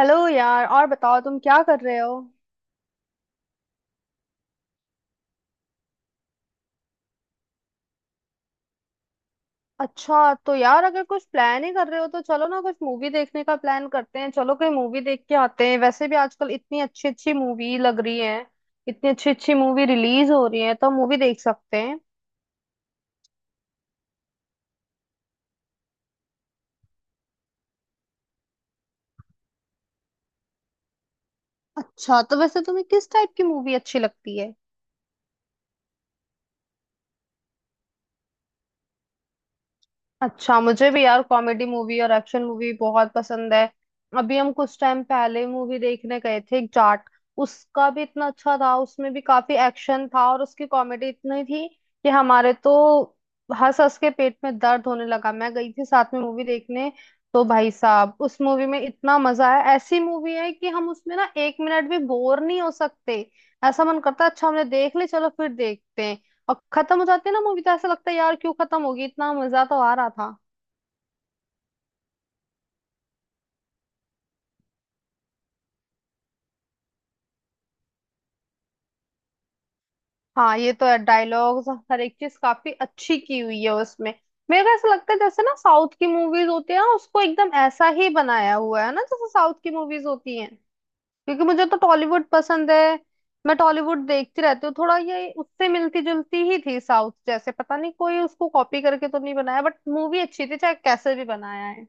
Hello यार, और बताओ तुम क्या कर रहे हो। अच्छा तो यार, अगर कुछ प्लान ही कर रहे हो तो चलो ना, कुछ मूवी देखने का प्लान करते हैं। चलो, कोई मूवी देख के आते हैं, वैसे भी आजकल इतनी अच्छी अच्छी मूवी लग रही है। इतनी अच्छी अच्छी मूवी रिलीज हो रही है, तो मूवी देख सकते हैं। अच्छा, तो वैसे तुम्हें किस टाइप की मूवी अच्छी लगती है? अच्छा, मुझे भी यार कॉमेडी मूवी और एक्शन मूवी बहुत पसंद है। अभी हम कुछ टाइम पहले मूवी देखने गए थे, एक जाट। उसका भी इतना अच्छा था, उसमें भी काफी एक्शन था और उसकी कॉमेडी इतनी थी कि हमारे तो हंस हंस के पेट में दर्द होने लगा। मैं गई थी साथ में मूवी देखने, तो भाई साहब उस मूवी में इतना मजा आया, ऐसी मूवी है कि हम उसमें ना एक मिनट भी बोर नहीं हो सकते। ऐसा मन करता है अच्छा हमने देख ली, चलो फिर देखते हैं। और खत्म हो जाती है ना मूवी, तो ऐसा लगता है यार क्यों खत्म होगी, इतना मजा तो आ रहा था। हाँ, ये तो है, डायलॉग्स हर एक चीज काफी अच्छी की हुई है उसमें। मेरे को ऐसा लगता है जैसे ना, साउथ की मूवीज होती है ना, उसको एकदम ऐसा ही बनाया हुआ है ना, जैसे साउथ की मूवीज होती हैं। क्योंकि मुझे तो टॉलीवुड पसंद है, मैं टॉलीवुड देखती रहती हूँ। थोड़ा ये उससे मिलती जुलती ही थी, साउथ जैसे। पता नहीं कोई उसको कॉपी करके तो नहीं बनाया, बट मूवी अच्छी थी, चाहे कैसे भी बनाया है।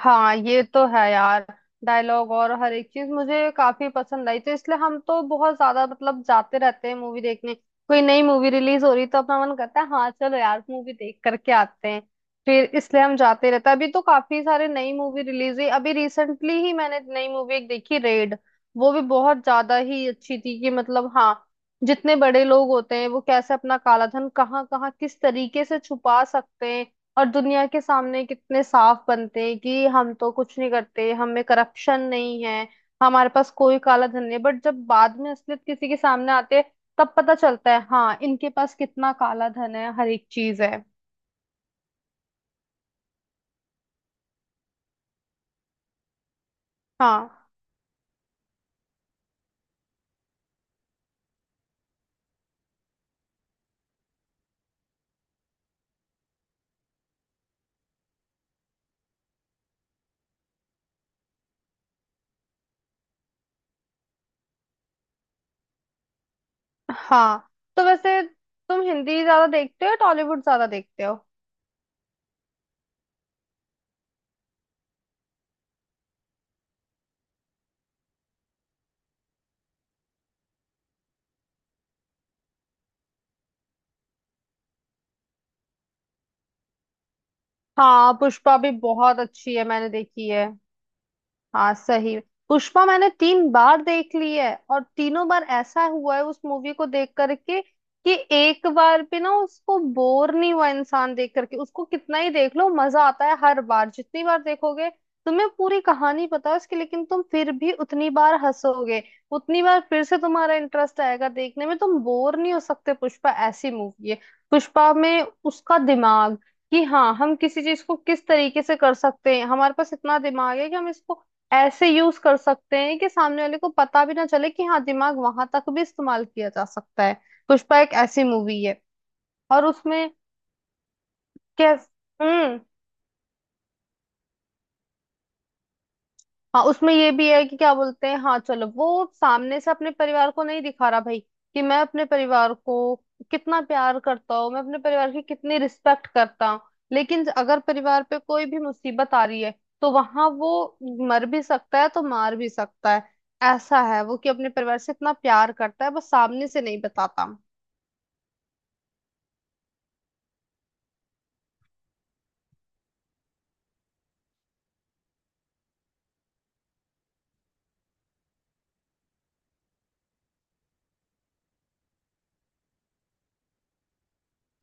हाँ, ये तो है यार, डायलॉग और हर एक चीज मुझे काफी पसंद आई, तो इसलिए हम तो बहुत ज्यादा मतलब जाते रहते हैं मूवी देखने। कोई नई मूवी रिलीज हो रही तो अपना मन करता है हाँ चलो यार मूवी देख करके आते हैं, फिर इसलिए हम जाते रहते हैं। अभी तो काफी सारे नई मूवी रिलीज हुई, अभी रिसेंटली ही मैंने नई मूवी एक देखी, रेड। वो भी बहुत ज्यादा ही अच्छी थी कि, मतलब हाँ, जितने बड़े लोग होते हैं वो कैसे अपना काला धन कहाँ कहाँ किस तरीके से छुपा सकते हैं। और दुनिया के सामने कितने साफ बनते हैं कि हम तो कुछ नहीं करते, हमें करप्शन नहीं है, हमारे पास कोई काला धन नहीं। बट जब बाद में असलियत किसी के सामने आते हैं, तब पता चलता है हाँ, इनके पास कितना काला धन है, हर एक चीज है। हाँ हाँ। तो वैसे तुम हिंदी ज्यादा देखते हो या टॉलीवुड ज्यादा देखते हो? हाँ, पुष्पा भी बहुत अच्छी है, मैंने देखी है। हाँ सही। पुष्पा मैंने तीन बार देख ली है, और तीनों बार ऐसा हुआ है उस मूवी को देख करके, कि एक बार भी ना उसको बोर नहीं हुआ इंसान देख करके। उसको कितना ही देख लो मजा आता है, हर बार जितनी बार देखोगे तुम्हें पूरी कहानी पता है उसकी, लेकिन तुम फिर भी उतनी बार हंसोगे, उतनी बार फिर से तुम्हारा इंटरेस्ट आएगा देखने में, तुम बोर नहीं हो सकते। पुष्पा ऐसी मूवी है। पुष्पा में उसका दिमाग, कि हाँ हम किसी चीज को किस तरीके से कर सकते हैं, हमारे पास इतना दिमाग है कि हम इसको ऐसे यूज कर सकते हैं कि सामने वाले को पता भी ना चले कि हाँ, दिमाग वहां तक भी इस्तेमाल किया जा सकता है। पुष्पा एक ऐसी मूवी है। और उसमें कैस हम्म हाँ, उसमें ये भी है कि क्या बोलते हैं, हाँ चलो, वो सामने से अपने परिवार को नहीं दिखा रहा भाई कि मैं अपने परिवार को कितना प्यार करता हूँ, मैं अपने परिवार की कितनी रिस्पेक्ट करता हूँ, लेकिन अगर परिवार पे कोई भी मुसीबत आ रही है तो वहां वो मर भी सकता है तो मार भी सकता है। ऐसा है वो कि अपने परिवार से इतना प्यार करता है, बस सामने से नहीं बताता।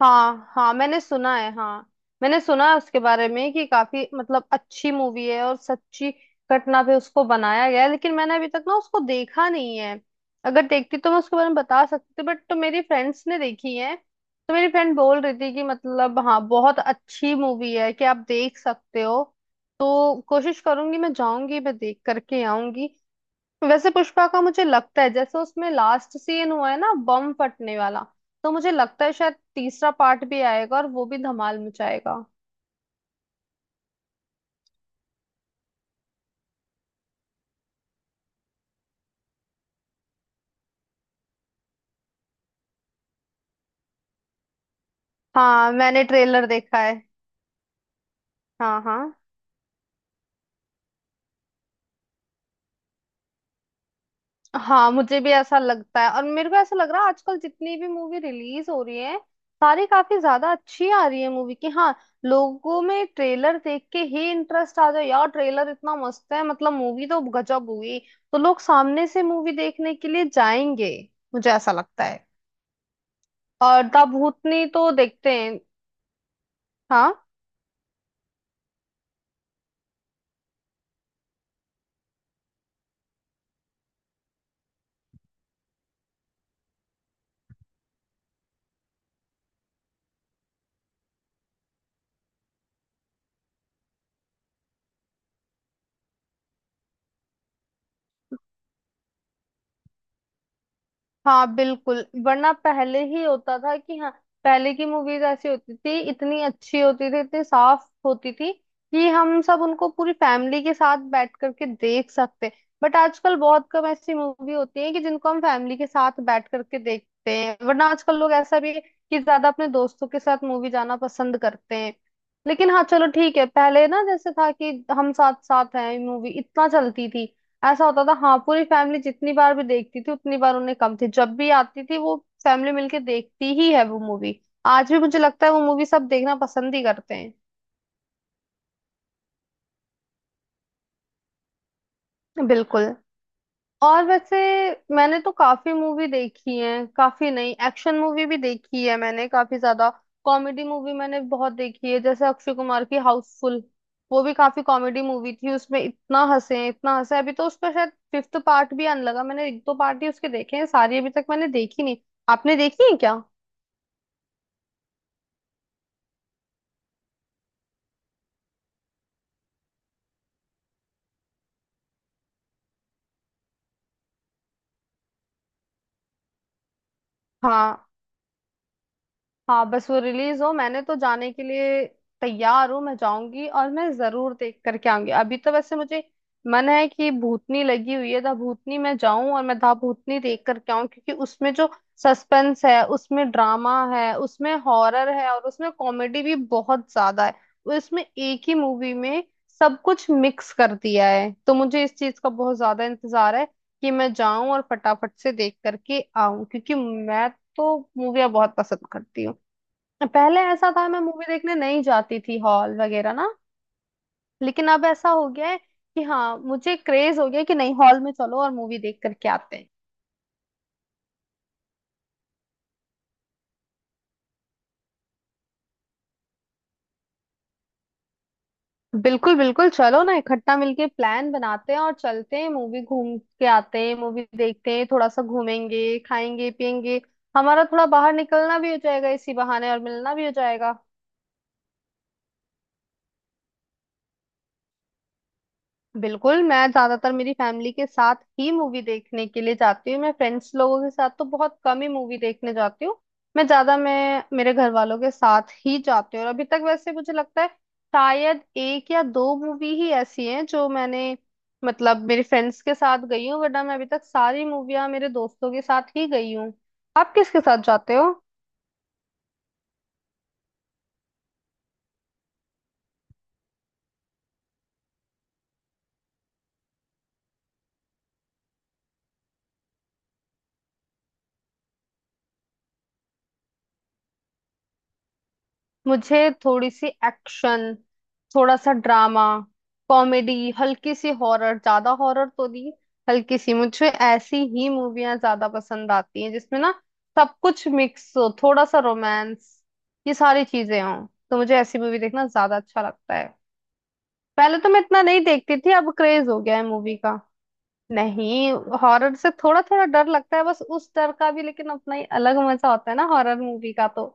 हाँ हाँ, मैंने सुना है। हाँ, मैंने सुना है उसके बारे में कि काफी मतलब अच्छी मूवी है और सच्ची घटना पे उसको बनाया गया है, लेकिन मैंने अभी तक ना उसको देखा नहीं है। अगर देखती तो मैं उसके बारे में बता सकती थी, बट तो मेरी फ्रेंड्स ने देखी है, तो मेरी फ्रेंड बोल रही थी कि मतलब हाँ बहुत अच्छी मूवी है, कि आप देख सकते हो। तो कोशिश करूंगी, मैं जाऊंगी, मैं देख करके आऊंगी। वैसे पुष्पा का मुझे लगता है जैसे उसमें लास्ट सीन हुआ है ना, बम फटने वाला, तो मुझे लगता है शायद तीसरा पार्ट भी आएगा और वो भी धमाल मचाएगा। हाँ, मैंने ट्रेलर देखा है। हाँ हाँ। हाँ, मुझे भी ऐसा लगता है, और मेरे को ऐसा लग रहा है आजकल जितनी भी मूवी रिलीज हो रही है, सारी काफी ज्यादा अच्छी आ रही है मूवी की, हाँ। लोगों में ट्रेलर देख के ही इंटरेस्ट आ जाए, यार ट्रेलर इतना मस्त है, मतलब मूवी तो गजब हुई, तो लोग सामने से मूवी देखने के लिए जाएंगे, मुझे ऐसा लगता है। और द भूतनी तो देखते हैं। हाँ। हाँ, बिल्कुल, वरना पहले ही होता था कि हाँ, पहले की मूवीज ऐसी होती थी, इतनी अच्छी होती थी, इतनी साफ होती थी कि हम सब उनको पूरी फैमिली के साथ बैठ करके देख सकते। बट आजकल बहुत कम ऐसी मूवी होती है कि जिनको हम फैमिली के साथ बैठ करके देखते हैं, वरना आजकल लोग ऐसा भी है कि ज्यादा अपने दोस्तों के साथ मूवी जाना पसंद करते हैं। लेकिन हाँ, चलो ठीक है, पहले ना जैसे था कि हम साथ साथ हैं मूवी, इतना चलती थी, ऐसा होता था। हाँ, पूरी फैमिली जितनी बार भी देखती थी उतनी बार उन्हें कम थी, जब भी आती थी वो फैमिली मिलके देखती ही है वो मूवी, आज भी मुझे लगता है वो मूवी सब देखना पसंद ही करते हैं। बिल्कुल। और वैसे, मैंने तो काफी मूवी देखी है, काफी नहीं, एक्शन मूवी भी देखी है मैंने काफी ज्यादा, कॉमेडी मूवी मैंने बहुत देखी है, जैसे अक्षय कुमार की हाउसफुल, वो भी काफी कॉमेडी मूवी थी, उसमें इतना हंसे इतना हंसे। अभी तो उसका शायद फिफ्थ पार्ट भी आने लगा, मैंने एक दो पार्ट ही उसके देखे हैं, सारी अभी तक मैंने देखी नहीं। आपने देखी है क्या? हाँ। हाँ, बस वो रिलीज हो, मैंने तो जाने के लिए तैयार हूँ, मैं जाऊंगी और मैं जरूर देख करके आऊंगी। अभी तो वैसे मुझे मन है कि भूतनी लगी हुई है दा भूतनी, मैं जाऊं और मैं दा भूतनी देख करके आऊं, क्योंकि उसमें जो सस्पेंस है, उसमें ड्रामा है, उसमें हॉरर है और उसमें कॉमेडी भी बहुत ज्यादा है, उसमें एक ही मूवी में सब कुछ मिक्स कर दिया है। तो मुझे इस चीज का बहुत ज्यादा इंतजार है कि मैं जाऊं और फटाफट से देख करके आऊं, क्योंकि मैं तो मूवियाँ बहुत पसंद करती हूँ। पहले ऐसा था मैं मूवी देखने नहीं जाती थी हॉल वगैरह ना, लेकिन अब ऐसा हो गया है कि हाँ, मुझे क्रेज हो गया कि नहीं, हॉल में चलो और मूवी देख करके आते हैं। बिल्कुल बिल्कुल, चलो ना इकट्ठा मिलके प्लान बनाते हैं और चलते हैं मूवी, घूम के आते हैं, मूवी देखते हैं, थोड़ा सा घूमेंगे खाएंगे पियेंगे, हमारा थोड़ा बाहर निकलना भी हो जाएगा इसी बहाने, और मिलना भी हो जाएगा। बिल्कुल, मैं ज्यादातर मेरी फैमिली के साथ ही मूवी देखने के लिए जाती हूँ, मैं फ्रेंड्स लोगों के साथ तो बहुत कम ही मूवी देखने जाती हूँ। मैं मेरे घर वालों के साथ ही जाती हूँ, और अभी तक वैसे मुझे लगता है शायद एक या दो मूवी ही ऐसी हैं जो मैंने मतलब मेरे फ्रेंड्स के साथ गई हूँ, वरना मैं अभी तक सारी मूवियाँ मेरे दोस्तों के साथ ही गई हूँ। आप किसके साथ जाते हो? मुझे थोड़ी सी एक्शन, थोड़ा सा ड्रामा, कॉमेडी, हल्की सी हॉरर, ज्यादा हॉरर तो नहीं, हल्की सी, मुझे ऐसी ही मूवियां ज्यादा पसंद आती हैं जिसमें ना सब कुछ मिक्स हो, थोड़ा सा रोमांस, ये सारी चीजें हों, तो मुझे ऐसी मूवी देखना ज्यादा अच्छा लगता है। पहले तो मैं इतना नहीं देखती थी, अब क्रेज हो गया है मूवी का। नहीं, हॉरर से थोड़ा थोड़ा डर लगता है, बस उस डर का भी लेकिन अपना ही अलग मजा होता है ना हॉरर मूवी का तो।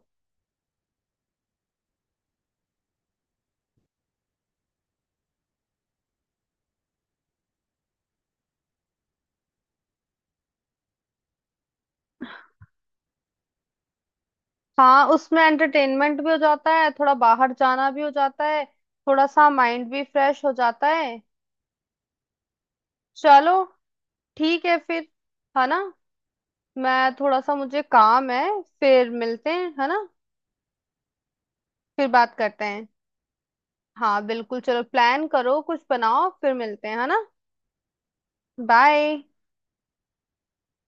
हाँ, उसमें एंटरटेनमेंट भी हो जाता है, थोड़ा बाहर जाना भी हो जाता है, थोड़ा सा माइंड भी फ्रेश हो जाता है। चलो ठीक है फिर, है ना। मैं, थोड़ा सा मुझे काम है, फिर मिलते हैं, है ना। फिर बात करते हैं। हाँ बिल्कुल, चलो प्लान करो कुछ बनाओ, फिर मिलते हैं, है ना। बाय।